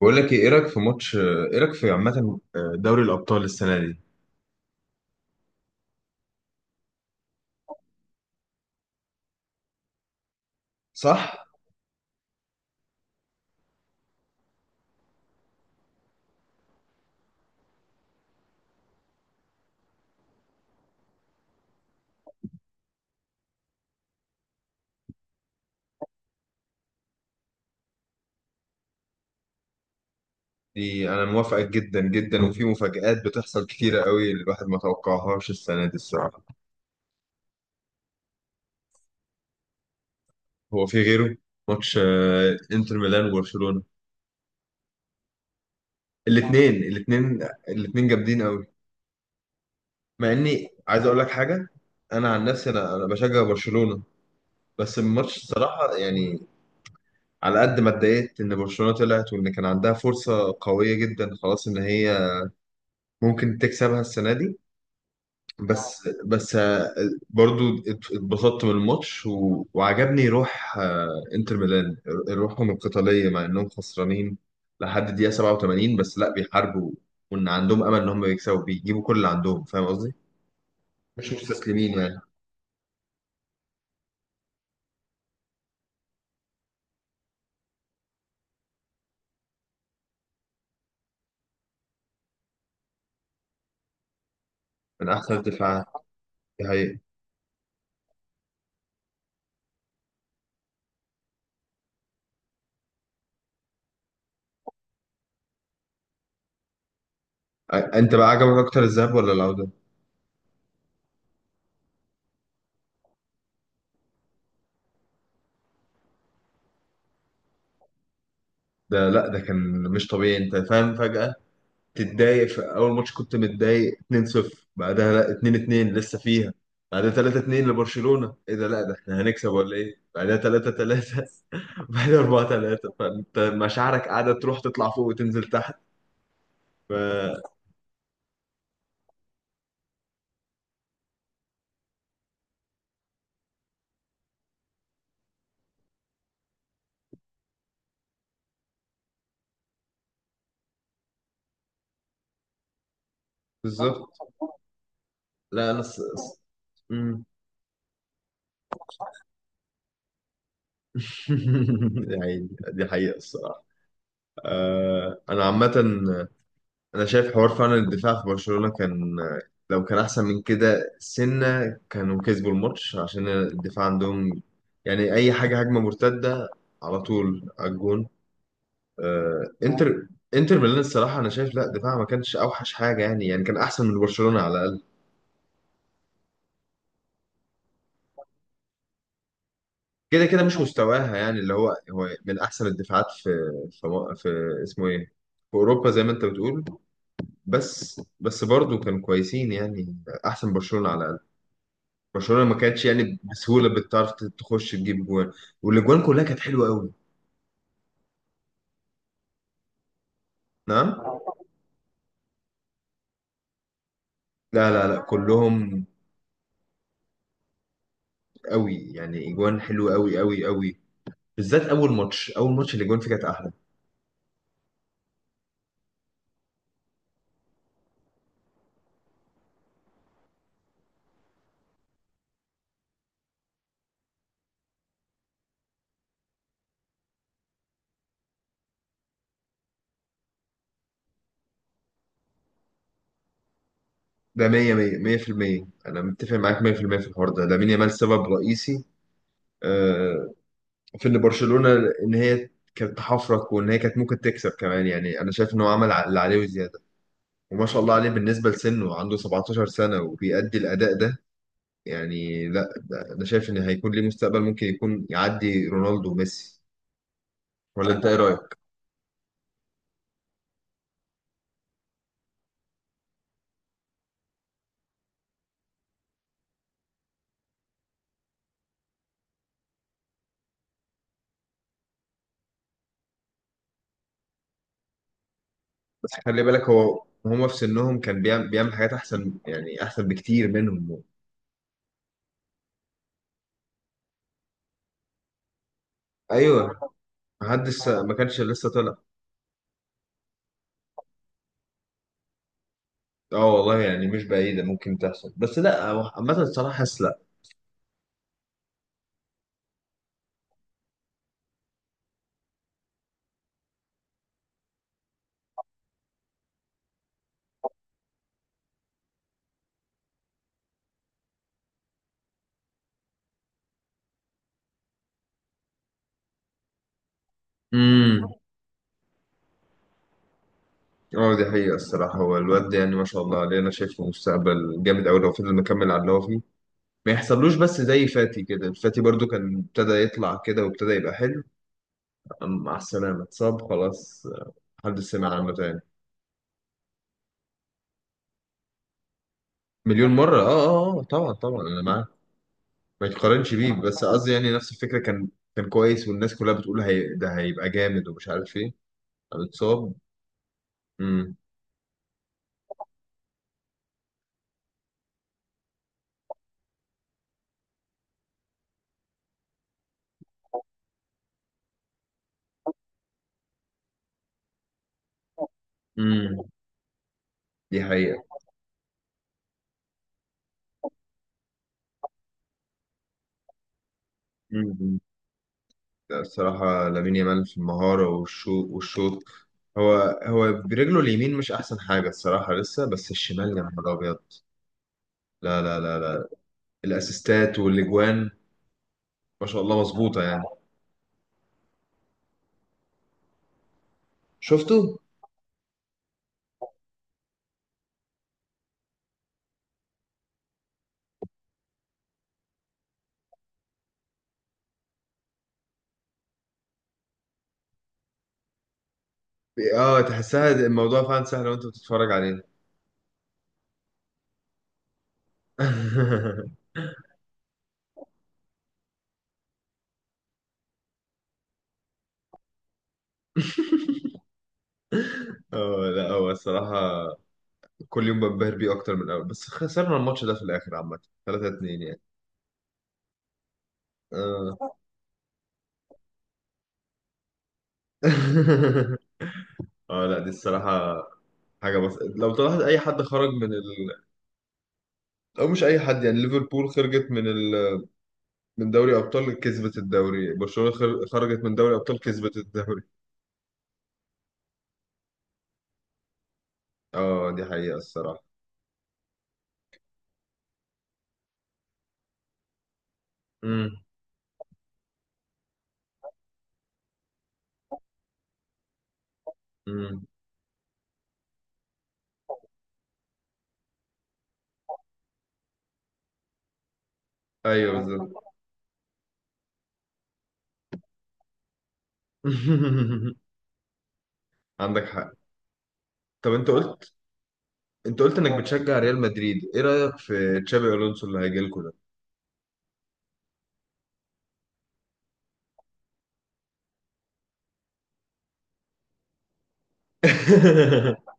بقول لك ايه، إيه رايك في عامه، دوري الابطال السنه دي. صح. دي انا موافقك جدا جدا، وفي مفاجآت بتحصل كتيره قوي الواحد ما توقعهاش السنه دي الصراحه. هو في غيره؟ ماتش انتر ميلان وبرشلونه. الاثنين، جامدين قوي. مع اني عايز اقول لك حاجه. انا عن نفسي، انا بشجع برشلونه. بس الماتش الصراحه يعني، على قد ما اتضايقت ان برشلونه طلعت، وان كان عندها فرصه قويه جدا خلاص ان هي ممكن تكسبها السنه دي. بس برضو اتبسطت من الماتش، و... وعجبني روح انتر ميلان. روحهم القتالية مع انهم خسرانين لحد الدقيقة 87، بس لا بيحاربوا، وان عندهم امل ان هم يكسبوا بيجيبوا كل اللي عندهم. فاهم قصدي؟ مش مستسلمين يعني. من احسن الدفاعات. دي حقيقة. انت بقى عجبك اكتر الذهاب ولا العودة؟ ده لا ده كان مش طبيعي، انت فاهم. فجأة تتضايق في اول ماتش كنت متضايق 2-0، بعدها لا 2-2 لسه فيها، بعدها 3-2 لبرشلونة، ايه ده لا ده احنا هنكسب ولا ايه، بعدها 3-3، بعدها 4-3. فانت مشاعرك قاعدة تروح تطلع فوق وتنزل تحت. ف... بالظبط. لا انا مم. يعني، دي حقيقة الصراحة. انا عامة انا شايف حوار فعلا الدفاع في برشلونة كان، لو كان احسن من كده سنة كانوا كسبوا الماتش، عشان الدفاع عندهم يعني اي حاجة هجمة مرتدة على طول على الجون. آه انتر انتر ميلان الصراحة انا شايف لا، دفاعها ما كانش اوحش حاجة يعني، يعني كان احسن من برشلونة على الاقل. كده كده مش مستواها، يعني اللي هو من احسن الدفاعات في في, في اسمه ايه في اوروبا زي ما انت بتقول. بس برضو كانوا كويسين يعني، احسن برشلونة على الاقل. برشلونه ما كانتش يعني بسهوله بتعرف تخش تجيب جوان، والاجوان كلها كانت حلوه قوي. نعم. لا، لا، لا، كلهم قوي يعني، اجوان حلوه قوي قوي قوي، بالذات اول ماتش، اول ماتش الاجوان فيه كانت احلى. ده 100 100 100%، انا متفق معاك 100% في المية في الحوار ده. لامين يامال سبب رئيسي آه، في ان برشلونه، ان هي كانت تحفرك، وان هي كانت ممكن تكسب كمان. يعني انا شايف ان هو عمل اللي عليه وزياده، وما شاء الله عليه بالنسبه لسنه عنده 17 سنه وبيأدي الاداء ده. يعني لا انا شايف ان هيكون ليه مستقبل، ممكن يكون يعدي رونالدو وميسي. ولا انت ايه رايك؟ بس خلي بالك هو، هما في سنهم كان بيعمل حاجات احسن يعني، احسن بكتير منهم. ايوه. محدش، ما كانش لسه طلع. اه والله يعني مش بعيده ممكن تحصل، بس لا هو عامه الصراحه حاسس لا. امم. اه دي حقيقه الصراحه، هو الواد ده يعني ما شاء الله عليه، انا شايفه مستقبل جامد قوي لو فضل مكمل على اللي هو فيه، ما يحصلوش بس زي فاتي كده. فاتي برضو كان ابتدى يطلع كده وابتدى يبقى حلو، مع السلامة اتصاب خلاص، محدش سمع عنه تاني. مليون مرة، اه اه، طبعا طبعا انا معاك، ما يتقارنش بيه، بس قصدي يعني نفس الفكرة، كان كان كويس والناس كلها بتقول هي ده هيبقى جامد ومش عارف ايه، قام اتصاب. امم امم دي حقيقة. امم لا، الصراحة لامين يامال في المهارة والشو والشوط. هو هو برجله اليمين مش احسن حاجة الصراحة لسه، بس الشمال يا نهار ابيض. لا، لا، لا، لا، الاسيستات والاجوان ما شاء الله مظبوطة يعني. شفتوا؟ اه تحسها الموضوع فعلا سهل وانت بتتفرج عليه. اه لا هو الصراحة كل يوم بنبهر بيه أكتر من الأول، بس خسرنا الماتش ده في الآخر عامة، 3-2 يعني. اه. اه لا دي الصراحة حاجة، بس لو طلعت أي حد خرج من أو مش أي حد، يعني ليفربول خرجت من من دوري أبطال كسبت الدوري، برشلونة خرجت من دوري أبطال كسبت الدوري. اه دي حقيقة الصراحة. امم. امم. أيوه بالظبط. عندك حق. طب أنت قلت انت قلت انك بتشجع ريال مدريد. ايه رايك في تشابي الونسو اللي هيجي لكم ده؟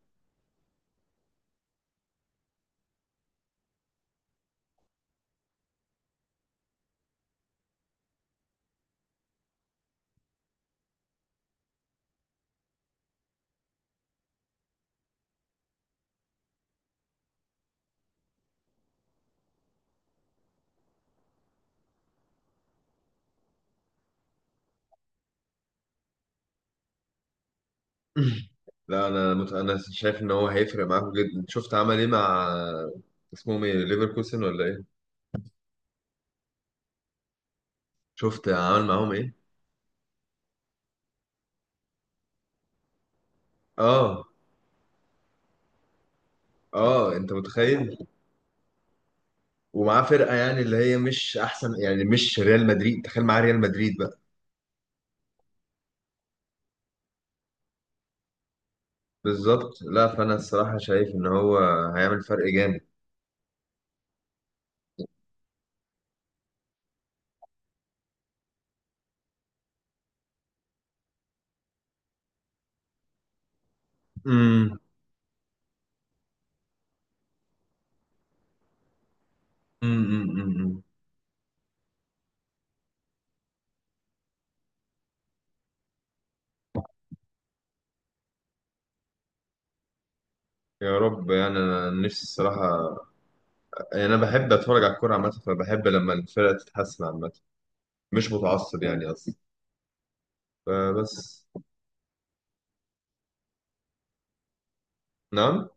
لا انا انا شايف ان هو هيفرق معاكم جدا. شفت عمل ايه مع، اسمهم ايه، ليفركوسن ولا ايه؟ شفت عمل معاهم ايه؟ اه اه. انت متخيل؟ ومعاه فرقه يعني اللي هي مش احسن، يعني مش ريال مدريد، تخيل معاه ريال مدريد بقى. بالظبط. لا فانا الصراحه شايف ان هو هيعمل فرق جامد. امم أمم. يا رب، يعني انا نفسي الصراحه، يعني انا بحب اتفرج على الكوره عامه، فبحب لما الفرقه تتحسن عامه، مش متعصب يعني قصدي، فبس. نعم.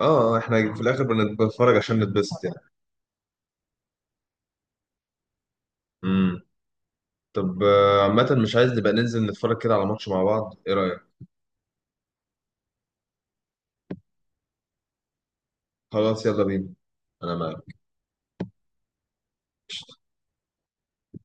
اه، احنا في الاخر بنتفرج عشان نتبسط يعني. امم طب عامه مش عايز نبقى ننزل نتفرج كده على ماتش مع بعض، ايه رايك؟ خلاص يلا بينا، انا معاك.